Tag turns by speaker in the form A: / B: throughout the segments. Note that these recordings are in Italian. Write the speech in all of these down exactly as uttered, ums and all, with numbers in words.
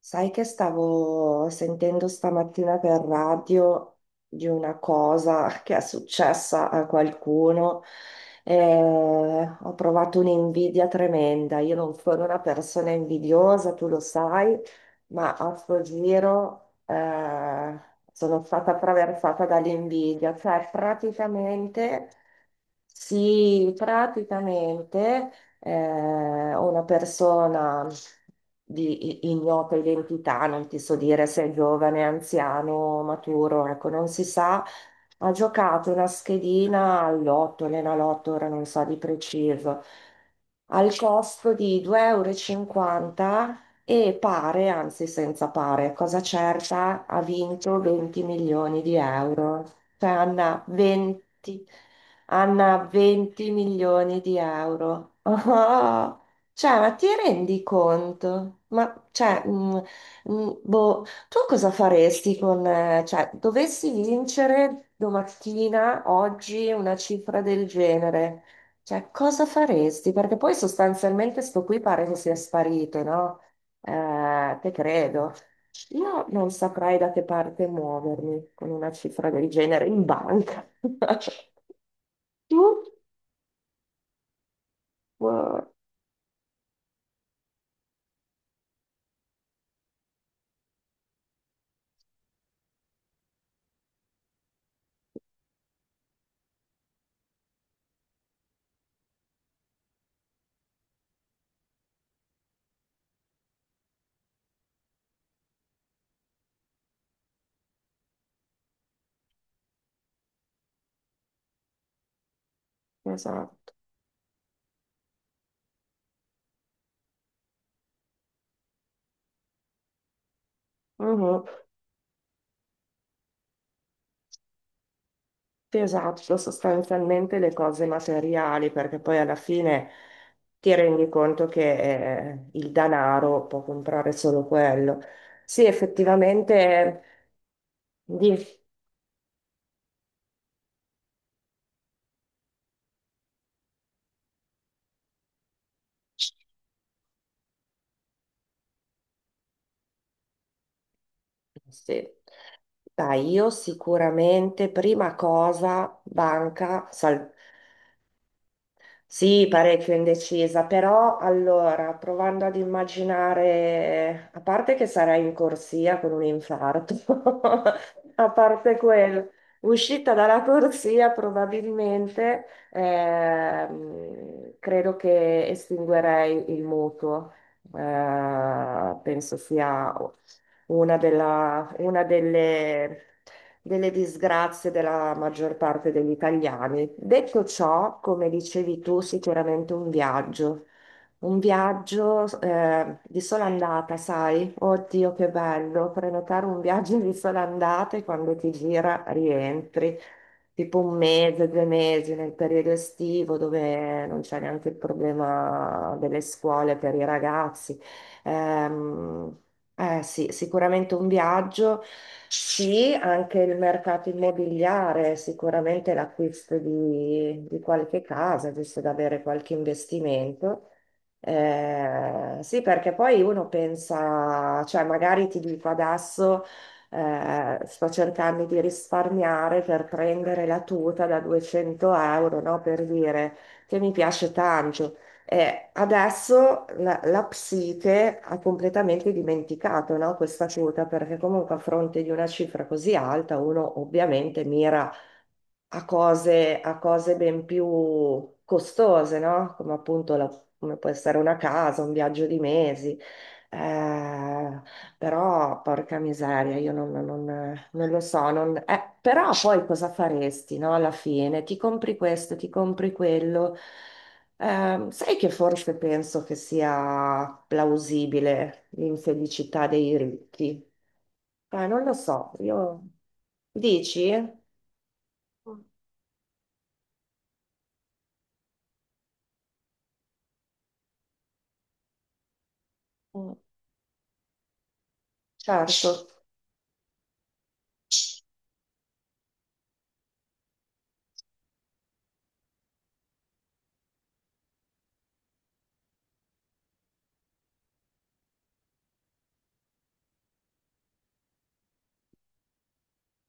A: Sai che stavo sentendo stamattina per radio di una cosa che è successa a qualcuno e ho provato un'invidia tremenda. Io non sono una persona invidiosa, tu lo sai, ma a sto giro eh, sono stata attraversata dall'invidia. Cioè, praticamente sì, praticamente eh, una persona di i- ignota identità, non ti so dire se è giovane, anziano, maturo, ecco, non si sa, ha giocato una schedina all'otto, l'enalotto, ora non so di preciso, al costo di due euro e cinquanta e cinquanta e pare, anzi senza pare, cosa certa, ha vinto venti milioni di euro. Cioè, Anna, venti. Anna, venti milioni di euro. Oh, cioè, ma ti rendi conto? Ma, cioè, mm, mm, boh, tu cosa faresti con, eh, cioè, dovessi vincere domattina, oggi, una cifra del genere? Cioè, cosa faresti? Perché poi sostanzialmente sto qui pare che sia sparito, no? Eh, te credo. Io non saprei da che parte muovermi con una cifra del genere in banca. Tu? Uh, esatto. Mhm. Sì, esatto, sostanzialmente le cose materiali, perché poi alla fine ti rendi conto che eh, il denaro può comprare solo quello. Sì, effettivamente, di- sì. Dai, io sicuramente prima cosa, banca, salvo. Sì, parecchio indecisa, però allora, provando ad immaginare, a parte che sarai in corsia con un infarto, a parte quello, uscita dalla corsia probabilmente, ehm, credo che estinguerei il mutuo. Eh, penso sia una, della- una delle, delle disgrazie della maggior parte degli italiani. Detto ciò, come dicevi tu, sicuramente un viaggio. Un viaggio eh, di sola andata, sai? Oddio, che bello! Prenotare un viaggio di sola andata e quando ti gira rientri. Tipo un mese, due mesi nel periodo estivo dove non c'è neanche il problema delle scuole per i ragazzi. Ehm, eh sì, sicuramente un viaggio, sì, anche il mercato immobiliare, sicuramente l'acquisto di, di qualche casa, giusto da avere qualche investimento. Eh sì, perché poi uno pensa, cioè magari ti dico adesso eh, sto cercando di risparmiare per prendere la tuta da duecento euro, no? Per dire che mi piace tanto. Eh, adesso la, la psiche ha completamente dimenticato, no, questa quota, perché comunque a fronte di una cifra così alta uno ovviamente mira a cose, a cose ben più costose, no? Come appunto la- come può essere una casa, un viaggio di mesi. Eh, però, porca miseria, io non, non- non lo so. Non- eh, però poi cosa faresti, no? Alla fine ti compri questo, ti compri quello. Ehm, sai che forse penso che sia plausibile l'infelicità dei ricchi? Eh, non lo so, io... Dici? Mm, certo.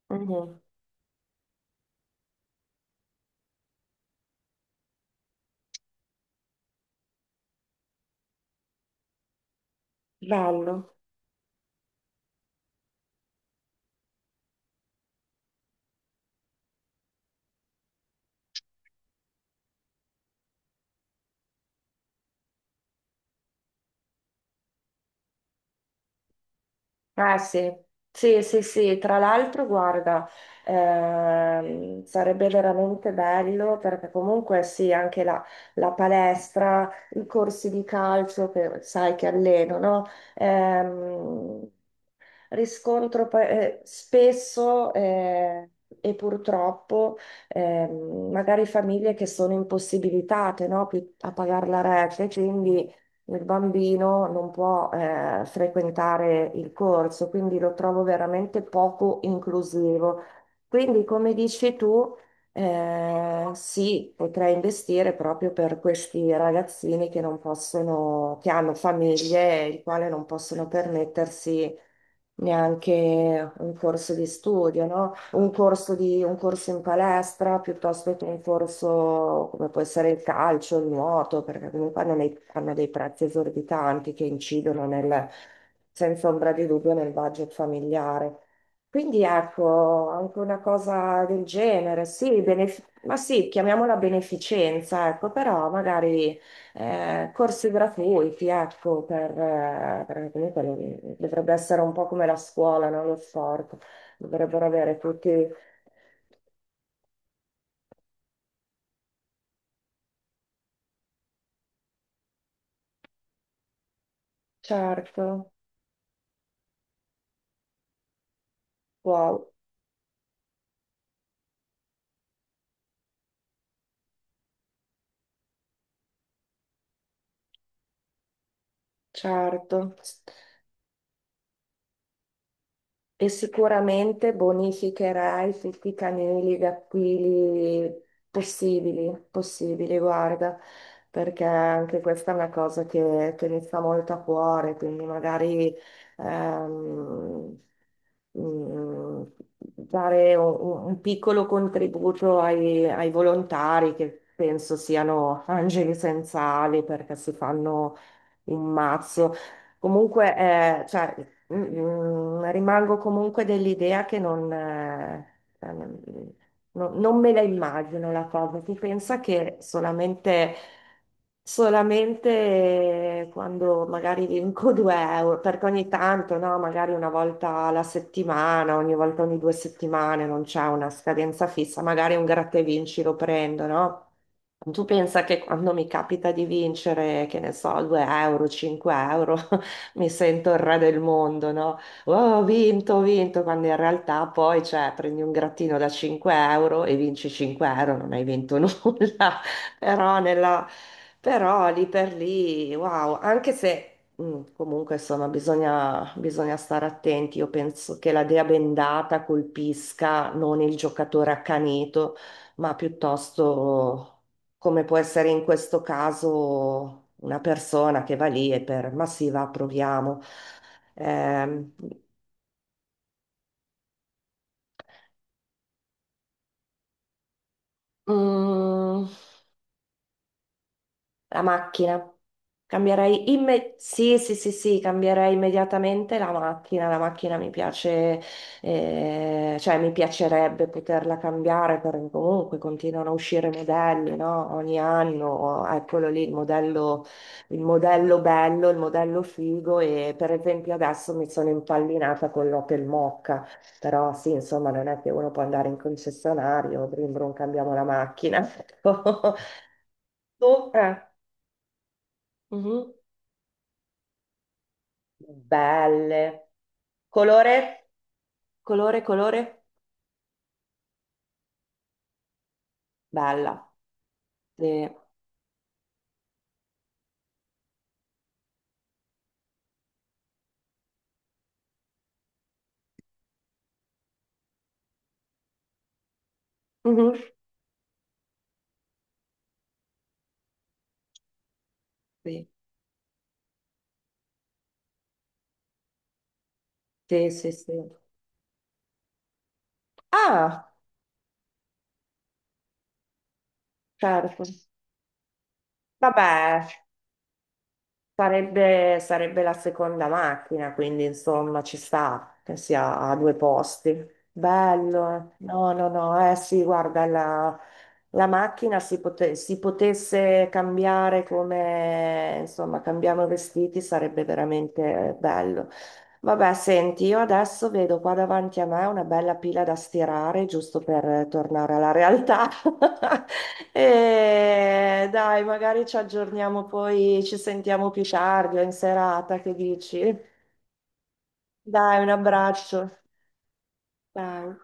A: Mhm. Bello. Ah sì, sì, sì, sì. Tra l'altro, guarda, ehm, sarebbe veramente bello perché comunque sì, anche la, la palestra, i corsi di calcio che sai che alleno, no? Ehm, Riscontro pa- eh, spesso eh, e purtroppo ehm, magari famiglie che sono impossibilitate, no, pi- a pagare la rete, quindi il bambino non può eh, frequentare il corso, quindi lo trovo veramente poco inclusivo. Quindi, come dici tu, eh, sì, potrei investire proprio per questi ragazzini che non possono, che hanno famiglie, i quali non possono permettersi neanche un corso di studio, no? Un corso di, un corso in palestra piuttosto che un corso come può essere il calcio, il nuoto, perché comunque hanno dei, hanno dei prezzi esorbitanti che incidono nel, senza ombra di dubbio nel budget familiare. Quindi ecco, anche una cosa del genere, sì, benef- ma sì, chiamiamola beneficenza, ecco, però magari eh, corsi gratuiti, ecco, per, eh, perché comunque lo- dovrebbe essere un po' come la scuola, no? Lo sport, dovrebbero avere tutti, certo, wow, certo. E sicuramente bonificherai tutti i fitti canili, i aquili possibili, possibili, guarda, perché anche questa è una cosa che, che mi sta molto a cuore, quindi magari ehm, mm, dare un, un piccolo contributo ai, ai volontari che penso siano angeli senza ali perché si fanno un mazzo. Comunque, eh, cioè, Mm, mm, rimango comunque dell'idea che non, eh, ehm, no- non me la immagino la cosa. Si pensa che solamente, solamente quando magari vinco due euro, perché ogni tanto, no, magari una volta alla settimana, ogni volta ogni due settimane, non c'è una scadenza fissa, magari un gratta e vinci lo prendo, no? Tu pensa che quando mi capita di vincere, che ne so, due euro, cinque euro mi sento il re del mondo, no? Oh, ho vinto, ho vinto, quando in realtà poi, cioè, prendi un grattino da cinque euro e vinci cinque euro, non hai vinto nulla, però, nella- però lì per lì, wow, anche se mm, comunque insomma bisogna, bisogna stare attenti, io penso che la dea bendata colpisca non il giocatore accanito, ma piuttosto come può essere in questo caso una persona che va lì e per, ma sì, va, proviamo. Ehm, mm, La macchina. Cambierei imme- sì, sì, sì, sì, cambierei immediatamente la macchina. La macchina mi piace, eh, cioè mi piacerebbe poterla cambiare perché comunque continuano a uscire modelli, no? Ogni anno, eccolo lì il modello, il modello bello, il modello figo e per esempio adesso mi sono impallinata con l'Opel Mokka, però sì, insomma, non è che uno può andare in concessionario, brum brum, cambiamo la macchina. Tu? Eh. Mhm. Belle. Colore? Colore, colore? Bella. Sì. Mhm. Sì, sì, sì, sì. Ah, certo. Vabbè, sarebbe, sarebbe la seconda macchina, quindi insomma ci sta che sia a due posti. Bello. Eh. No, no, no. Eh sì, guarda, la, la macchina si, pote- si potesse cambiare come, insomma, cambiamo i vestiti, sarebbe veramente bello. Vabbè, senti, io adesso vedo qua davanti a me una bella pila da stirare, giusto per eh, tornare alla realtà. E dai, magari ci aggiorniamo poi, ci sentiamo più tardi o in serata, che dici? Dai, un abbraccio. Ciao.